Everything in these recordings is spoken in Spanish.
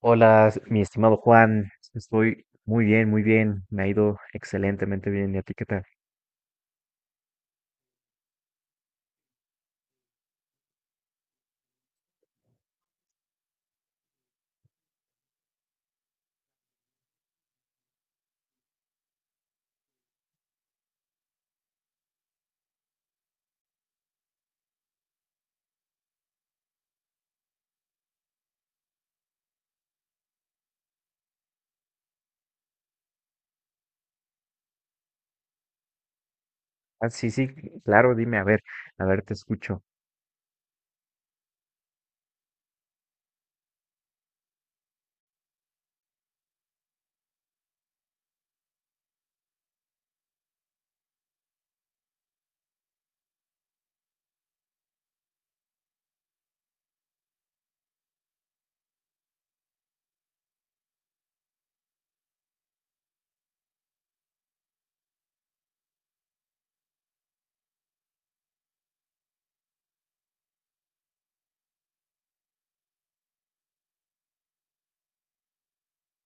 Hola, mi estimado Juan, estoy muy bien, me ha ido excelentemente bien, ¿y a ti qué tal? Ah, sí, sí, claro, dime, a ver, te escucho.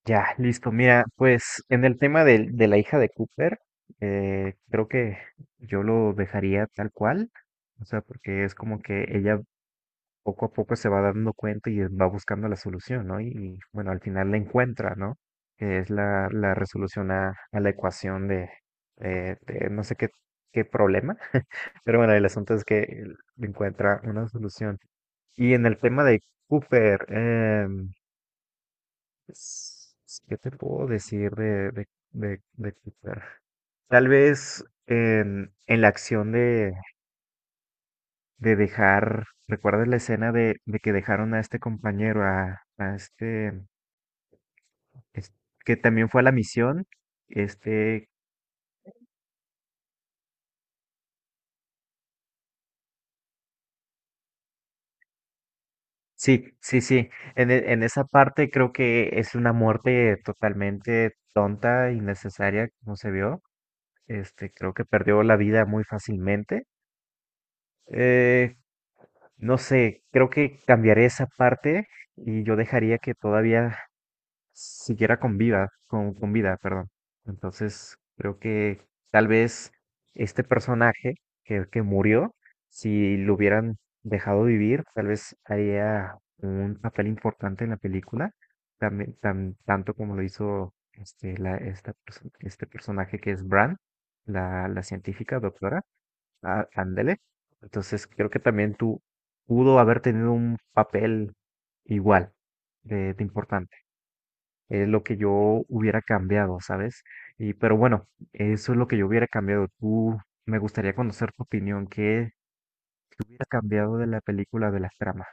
Ya, listo, mira, pues en el tema de, la hija de Cooper, creo que yo lo dejaría tal cual, o sea, porque es como que ella poco a poco se va dando cuenta y va buscando la solución, ¿no? Y, bueno, al final la encuentra, ¿no? Que es la, la resolución a la ecuación de no sé qué problema, pero bueno, el asunto es que él encuentra una solución. Y en el tema de Cooper, s- ¿qué te puedo decir de Cooper? Tal vez en la acción de dejar, ¿recuerdas la escena de que dejaron a este compañero, a este, es- que también fue a la misión? Este, sí, sí, sí, en esa parte creo que es una muerte totalmente tonta, innecesaria, como se vio. Este, creo que perdió la vida muy fácilmente. Eh, no sé, creo que cambiaré esa parte y yo dejaría que todavía siquiera con vida, con vida, perdón. Entonces, creo que tal vez este personaje que murió, si lo hubieran dejado vivir, tal vez haría un papel importante en la película, también, tanto como lo hizo este personaje que es Bran, la científica doctora, ándele. Entonces, creo que también tú pudo haber tenido un papel igual de importante, es lo que yo hubiera cambiado, ¿sabes? Pero bueno, eso es lo que yo hubiera cambiado. Tú, me gustaría conocer tu opinión. Qué hubiera cambiado de la película, de las tramas?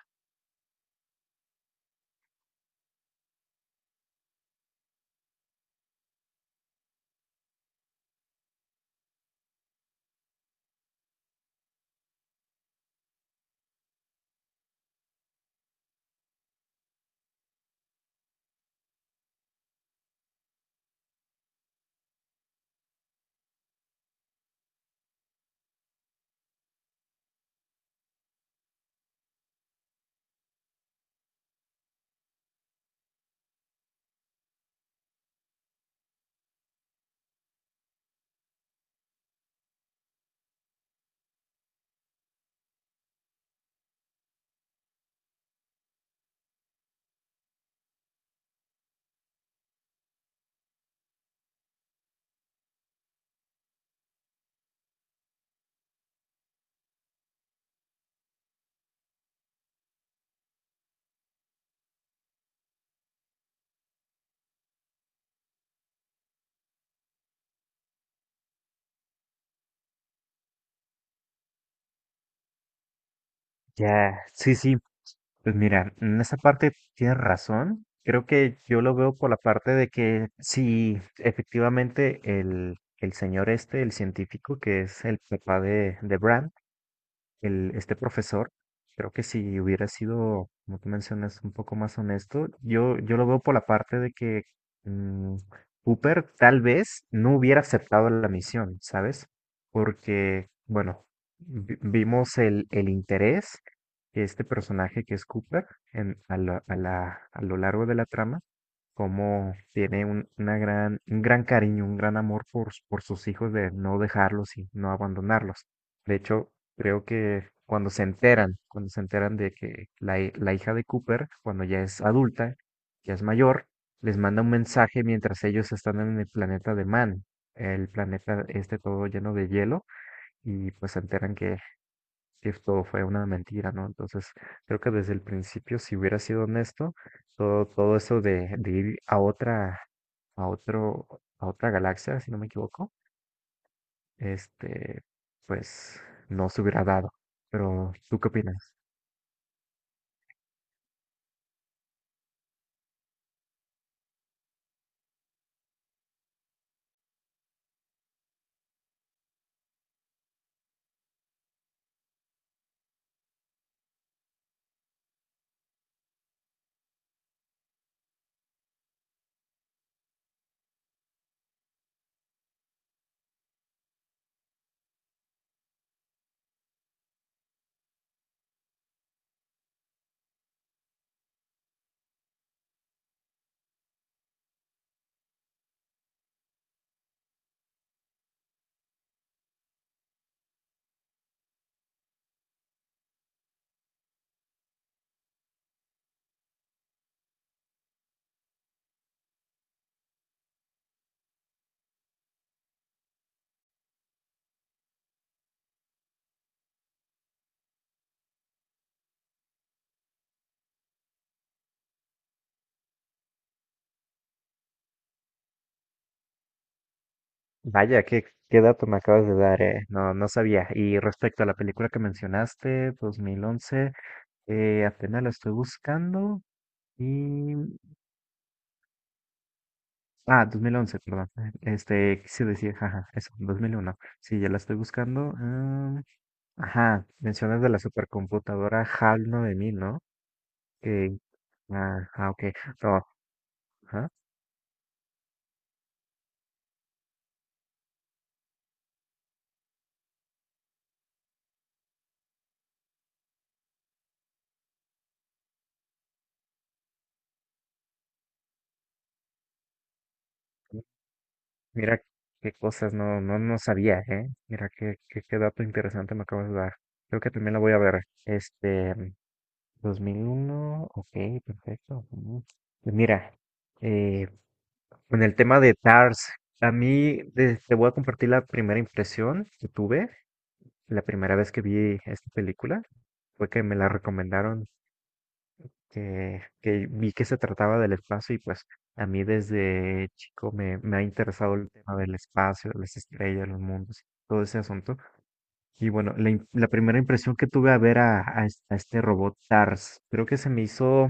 Ya, sí, sí. Pues mira, en esa parte tienes razón. Creo que yo lo veo por la parte de que si efectivamente el señor este, el científico, que es el papá de Bran, este profesor, creo que si hubiera sido, como tú mencionas, un poco más honesto, yo lo veo por la parte de que mm, Cooper tal vez no hubiera aceptado la misión, ¿sabes? Porque, bueno, vimos el interés que este personaje que es Cooper en, a, la- a la- a lo largo de la trama, como tiene un, un gran cariño, un gran amor por, por sus hijos, de no dejarlos y no abandonarlos. De hecho, creo que cuando se enteran de que la, la hija de Cooper, cuando ya es adulta, ya es mayor, les manda un mensaje mientras ellos están en el planeta de Man, el planeta este todo lleno de hielo, y pues se enteran que esto fue una mentira, ¿no? Entonces, creo que desde el principio, si hubiera sido honesto, todo eso de ir a otro, a otra galaxia, si no me equivoco, este, pues no se hubiera dado. Pero, ¿tú qué opinas? Vaya, qué dato me acabas de dar. No, no sabía. Y respecto a la película que mencionaste, 2011, apenas la estoy buscando y... Ah, 2011, perdón. Este, quise decir, jaja, eso, 2001. Sí, ya la estoy buscando. Ajá, mencionas de la supercomputadora HAL 9000, ¿no? Que, ok. No, ajá. Mira qué cosas, no sabía, ¿eh? Mira qué dato interesante me acabas de dar. Creo que también la voy a ver. Este, 2001, ok, perfecto. Mm. Pues mira, eh, con el tema de TARS, a mí te voy a compartir la primera impresión que tuve la primera vez que vi esta película. Fue que me la recomendaron, que vi que se trataba del espacio y pues a mí desde chico me ha interesado el tema del espacio, de las estrellas, los mundos, todo ese asunto. Y bueno, la, la primera impresión que tuve a ver a este robot TARS, creo que se me hizo,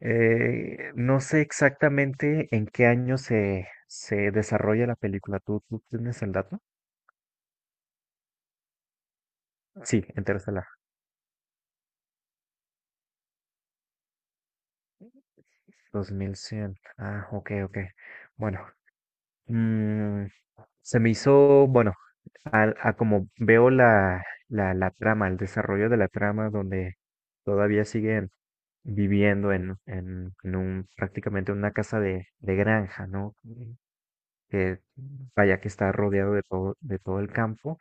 no sé exactamente en qué año se desarrolla la película. ¿Tú tienes el dato? Sí, Interestelar. 2100. Ah, ok, ok. Bueno, mm, se me hizo, bueno, a como veo la trama, el desarrollo de la trama, donde todavía siguen viviendo en un, prácticamente una casa de granja, ¿no? Que vaya, que está rodeado de todo el campo.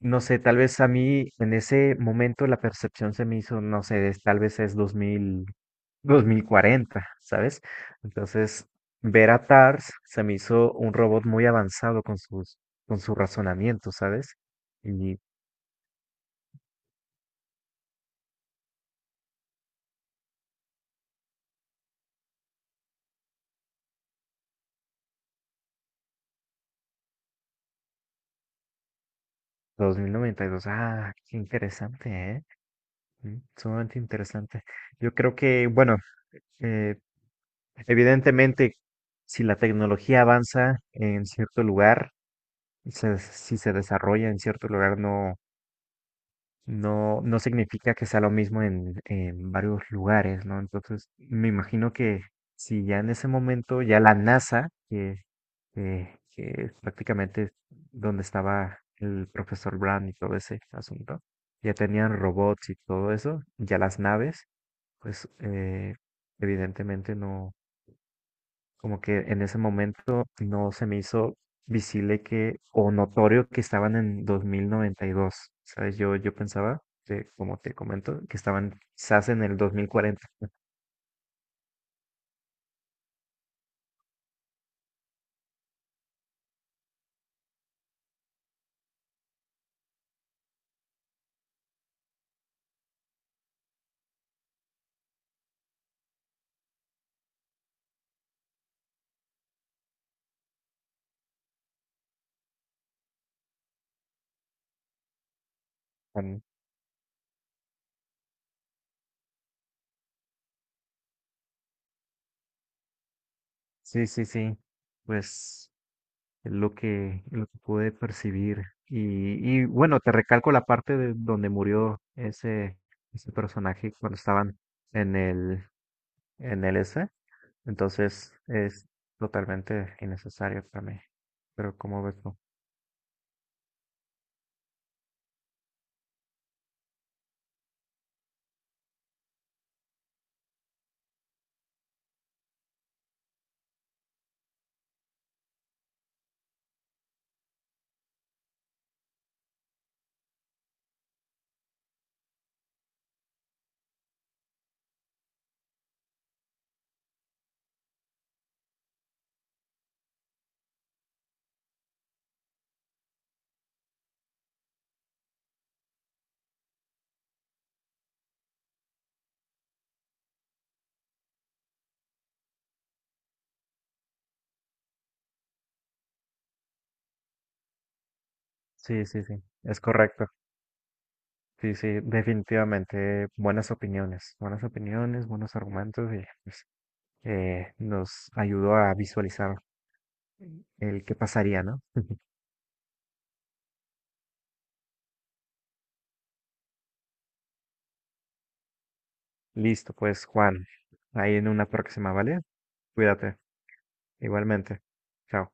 No sé, tal vez a mí en ese momento la percepción se me hizo, no sé, tal vez es 2040, ¿sabes? Entonces, ver a TARS se me hizo un robot muy avanzado con sus, con su razonamiento, ¿sabes? Y 2092, ah, qué interesante, ¿eh? Mm, sumamente interesante. Yo creo que, bueno, eh, evidentemente, si la tecnología avanza en cierto lugar, si se desarrolla en cierto lugar, no No, no significa que sea lo mismo en varios lugares, ¿no? Entonces, me imagino que si ya en ese momento ya la NASA, que es prácticamente donde estaba el profesor Brand y todo ese asunto, ya tenían robots y todo eso, ya las naves, pues evidentemente no, como que en ese momento no se me hizo visible que, o notorio que estaban en 2092, ¿sabes? Yo pensaba, que, como te comento, que estaban quizás en el 2040. Am, Sí, sí, sí, pues es lo que pude percibir. Y, bueno, te recalco la parte de donde murió ese, ese personaje cuando estaban en el, en el S. Entonces es totalmente innecesario para mí. ¿Pero como ves tú? Sí, sí, sí, es correcto. Sí, sí, definitivamente buenas opiniones, buenos argumentos y pues, nos ayudó a visualizar el qué pasaría, ¿no? Listo, pues Juan, ahí en una próxima, ¿vale? Cuídate, igualmente. Chao.